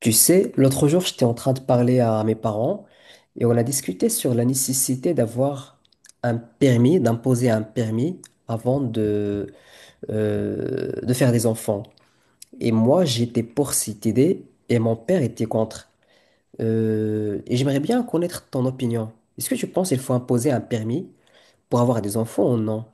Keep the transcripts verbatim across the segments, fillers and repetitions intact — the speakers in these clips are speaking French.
Tu sais, l'autre jour, j'étais en train de parler à mes parents et on a discuté sur la nécessité d'avoir un permis, d'imposer un permis avant de, euh, de faire des enfants. Et moi, j'étais pour cette idée et mon père était contre. Euh, et j'aimerais bien connaître ton opinion. Est-ce que tu penses qu'il faut imposer un permis pour avoir des enfants ou non?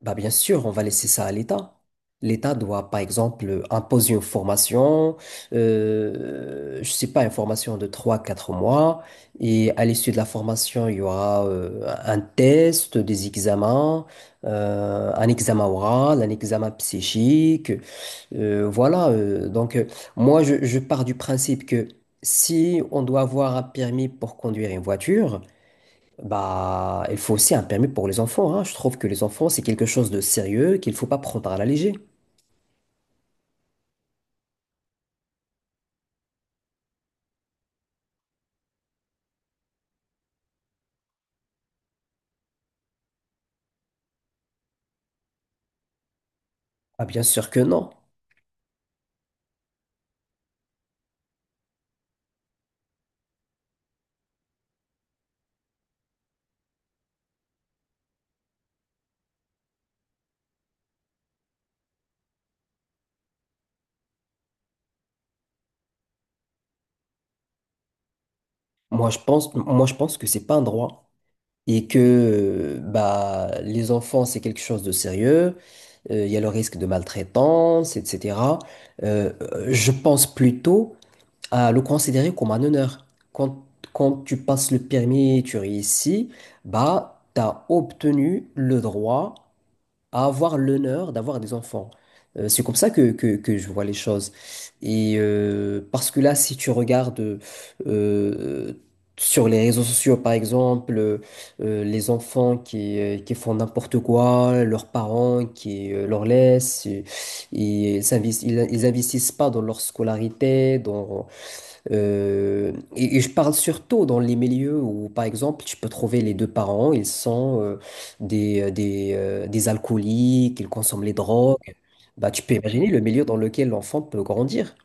Bah bien sûr, on va laisser ça à l'État. L'État doit, par exemple, imposer une formation, euh, je sais pas, une formation de trois quatre mois, et à l'issue de la formation, il y aura euh, un test, des examens, euh, un examen oral, un examen psychique, euh, voilà. Euh, donc, euh, moi, je, je pars du principe que si on doit avoir un permis pour conduire une voiture, bah, il faut aussi un permis pour les enfants, hein. Je trouve que les enfants, c'est quelque chose de sérieux qu'il ne faut pas prendre à la légère. Ah, bien sûr que non. Moi, je pense, moi, je pense que c'est pas un droit. Et que euh, bah, les enfants, c'est quelque chose de sérieux. Euh, Il y a le risque de maltraitance, et cetera. Euh, euh, je pense plutôt à le considérer comme un honneur. Quand, quand tu passes le permis et tu réussis, bah, tu as obtenu le droit à avoir l'honneur d'avoir des enfants. Euh, c'est comme ça que, que, que je vois les choses. Et euh, parce que là, si tu regardes euh, sur les réseaux sociaux, par exemple, euh, euh, les enfants qui, euh, qui font n'importe quoi, leurs parents qui euh, leur laissent, et, et s'invest- ils, ils investissent pas dans leur scolarité, dans, euh, et, et je parle surtout dans les milieux où, par exemple, tu peux trouver les deux parents, ils sont euh, des, euh, des, euh, des alcooliques, ils consomment les drogues. Bah, tu peux imaginer le milieu dans lequel l'enfant peut grandir.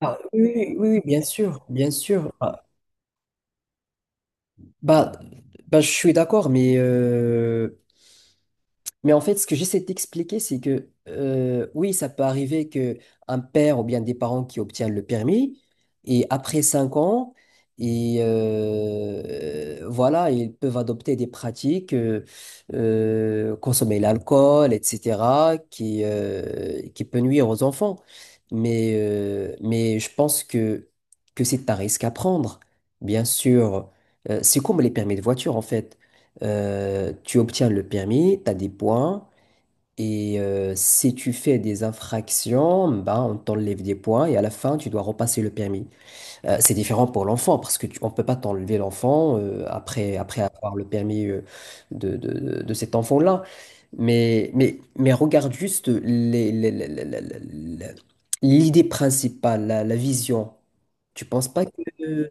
Ah, oui, oui, oui, bien sûr, bien sûr. Ah. Bah, bah, je suis d'accord, mais euh, Mais en fait, ce que j'essaie d'expliquer, c'est que euh, oui, ça peut arriver que un père ou bien des parents qui obtiennent le permis et après cinq ans, et euh, voilà, ils peuvent adopter des pratiques, euh, euh, consommer l'alcool, et cetera, qui euh, qui peut nuire aux enfants. Mais euh, mais je pense que que c'est un risque à prendre, bien sûr. Euh, c'est comme les permis de voiture en fait. Euh, tu obtiens le permis, tu as des points, et euh, si tu fais des infractions, ben, on t'enlève des points, et à la fin, tu dois repasser le permis. Euh, c'est différent pour l'enfant, parce que tu- on peut pas t'enlever l'enfant euh, après, après avoir le permis euh, de, de, de- de cet enfant-là. Mais, mais, mais regarde juste les, les- les- les- les- les- les- l'idée principale, la, la vision. Tu penses pas que...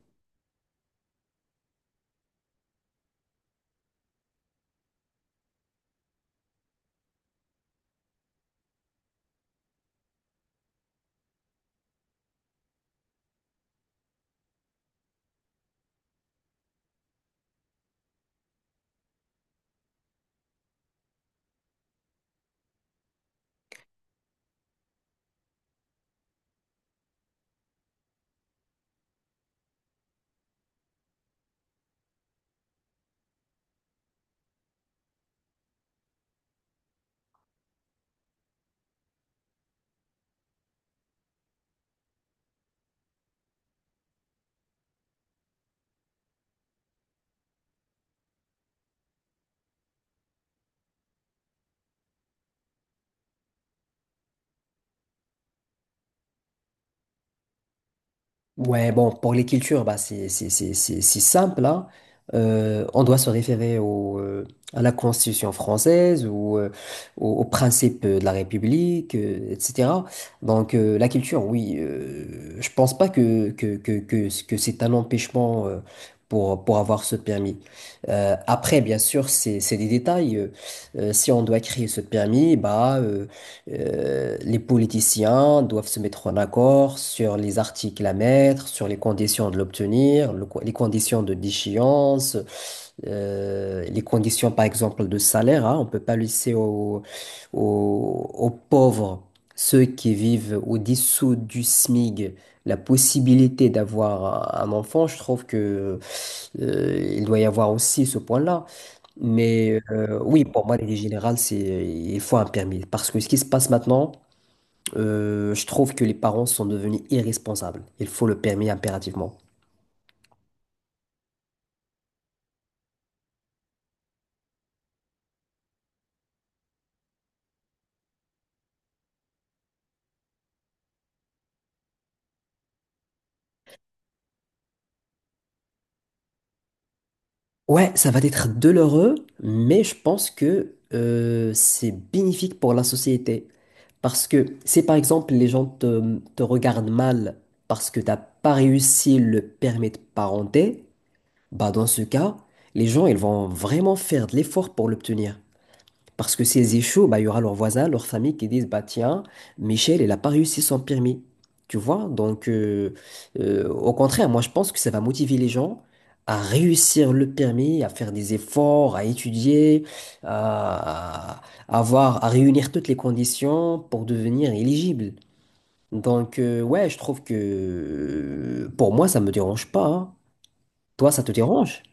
Ouais, bon, pour les cultures, bah, c'est c'est- c'est- c'est- c'est simple, hein. Euh, on doit se référer au, euh, à la Constitution française ou euh, au- aux principes de la République, euh, et cetera. Donc, euh, la culture, oui, euh, je pense pas que, que, que, que, que c'est un empêchement euh, pour, pour avoir ce permis. Euh, après, bien sûr, c'est c'est des détails. Euh, euh, si on doit créer ce permis, bah, euh, euh, les politiciens doivent se mettre en accord sur les articles à mettre, sur les conditions de l'obtenir, le co- les conditions de déchéance, euh, les conditions par exemple de salaire, hein. On ne peut pas laisser aux, aux- aux pauvres, ceux qui vivent au-dessous du SMIG, la possibilité d'avoir un, un enfant. Je trouve que, euh, il doit y avoir aussi ce point-là. Mais euh, oui, pour moi, l'idée générale, c'est il faut un permis. Parce que ce qui se passe maintenant, euh, je trouve que les parents sont devenus irresponsables. Il faut le permis impérativement. Ouais, ça va être douloureux, mais je pense que euh, c'est bénéfique pour la société. Parce que si par exemple les gens te, te regardent mal parce que t'as pas réussi le permis de parenté, bah dans ce cas, les gens ils vont vraiment faire de l'effort pour l'obtenir. Parce que s'ils échouent, bah, il y aura leurs voisins, leurs familles qui disent, bah tiens, Michel, il n'a pas réussi son permis. Tu vois? Donc, euh, euh, au contraire, moi, je pense que ça va motiver les gens à réussir le permis, à faire des efforts, à étudier, à, à avoir, à réunir toutes les conditions pour devenir éligible. Donc, euh, ouais, je trouve que euh, pour moi, ça me dérange pas, hein. Toi, ça te dérange?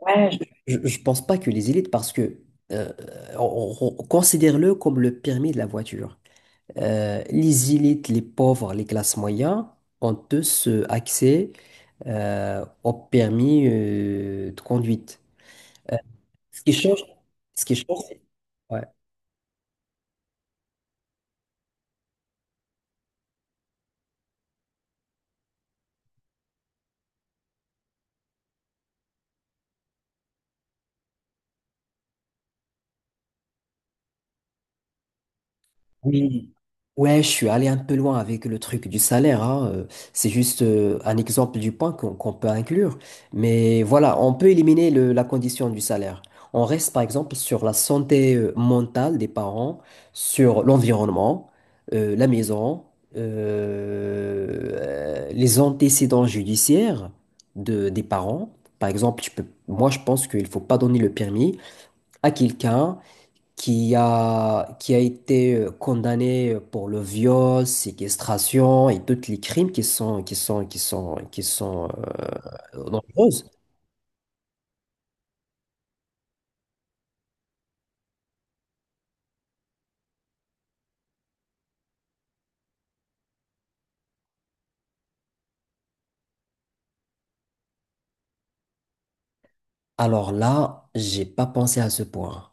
Ouais. Je, je ne pense pas que les élites, parce que euh, on- on- on- considère-le comme le permis de la voiture. Euh, les élites, les pauvres, les classes moyennes ont tous euh, accès euh, au permis euh, de conduite. Ce qui change, ce qui change, c'est-. Ouais. Oui, ouais, je suis allé un peu loin avec le truc du salaire, hein. euh, C'est juste euh, un exemple du point qu'on qu'on peut inclure. Mais voilà, on peut éliminer le- la condition du salaire. On reste par exemple sur la santé euh, mentale des parents, sur l'environnement, euh, la maison, euh, euh, les antécédents judiciaires de, des parents. Par exemple, tu peux, moi je pense qu'il ne faut pas donner le permis à quelqu'un qui a, qui a été euh, condamné pour le viol, séquestration et tous les crimes qui sont, qui sont, qui sont, qui sont euh, nombreuses. Alors là, j'ai pas pensé à ce point.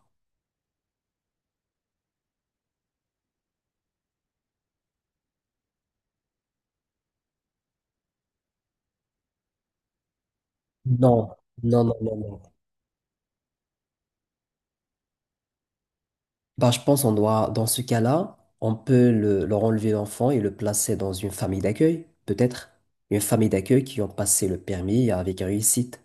Non, non, non, non, non. Bah, je pense on doit, dans ce cas-là, on peut le, leur enlever l'enfant et le placer dans une famille d'accueil, peut-être. Une famille d'accueil qui ont passé le permis avec réussite.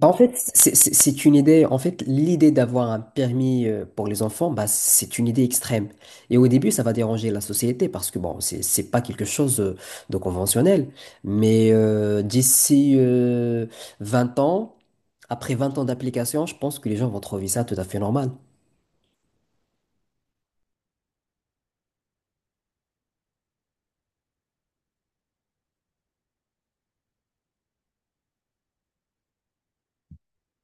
Bah, en fait, c'est c'est- c'est une idée. En fait, l'idée d'avoir un permis euh, pour les enfants, bah, c'est une idée extrême. Et au début, ça va déranger la société parce que bon, c'est c'est pas quelque chose euh, de conventionnel. Mais euh, d'ici euh, vingt ans, après vingt ans d'application, je pense que les gens vont trouver ça tout à fait normal.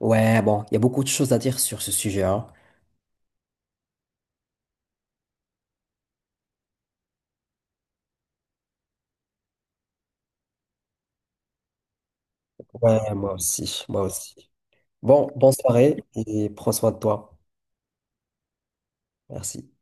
Ouais, bon, il y a beaucoup de choses à dire sur ce sujet, hein. Ouais, moi aussi, moi aussi. Bon, bonne soirée et prends soin de toi. Merci.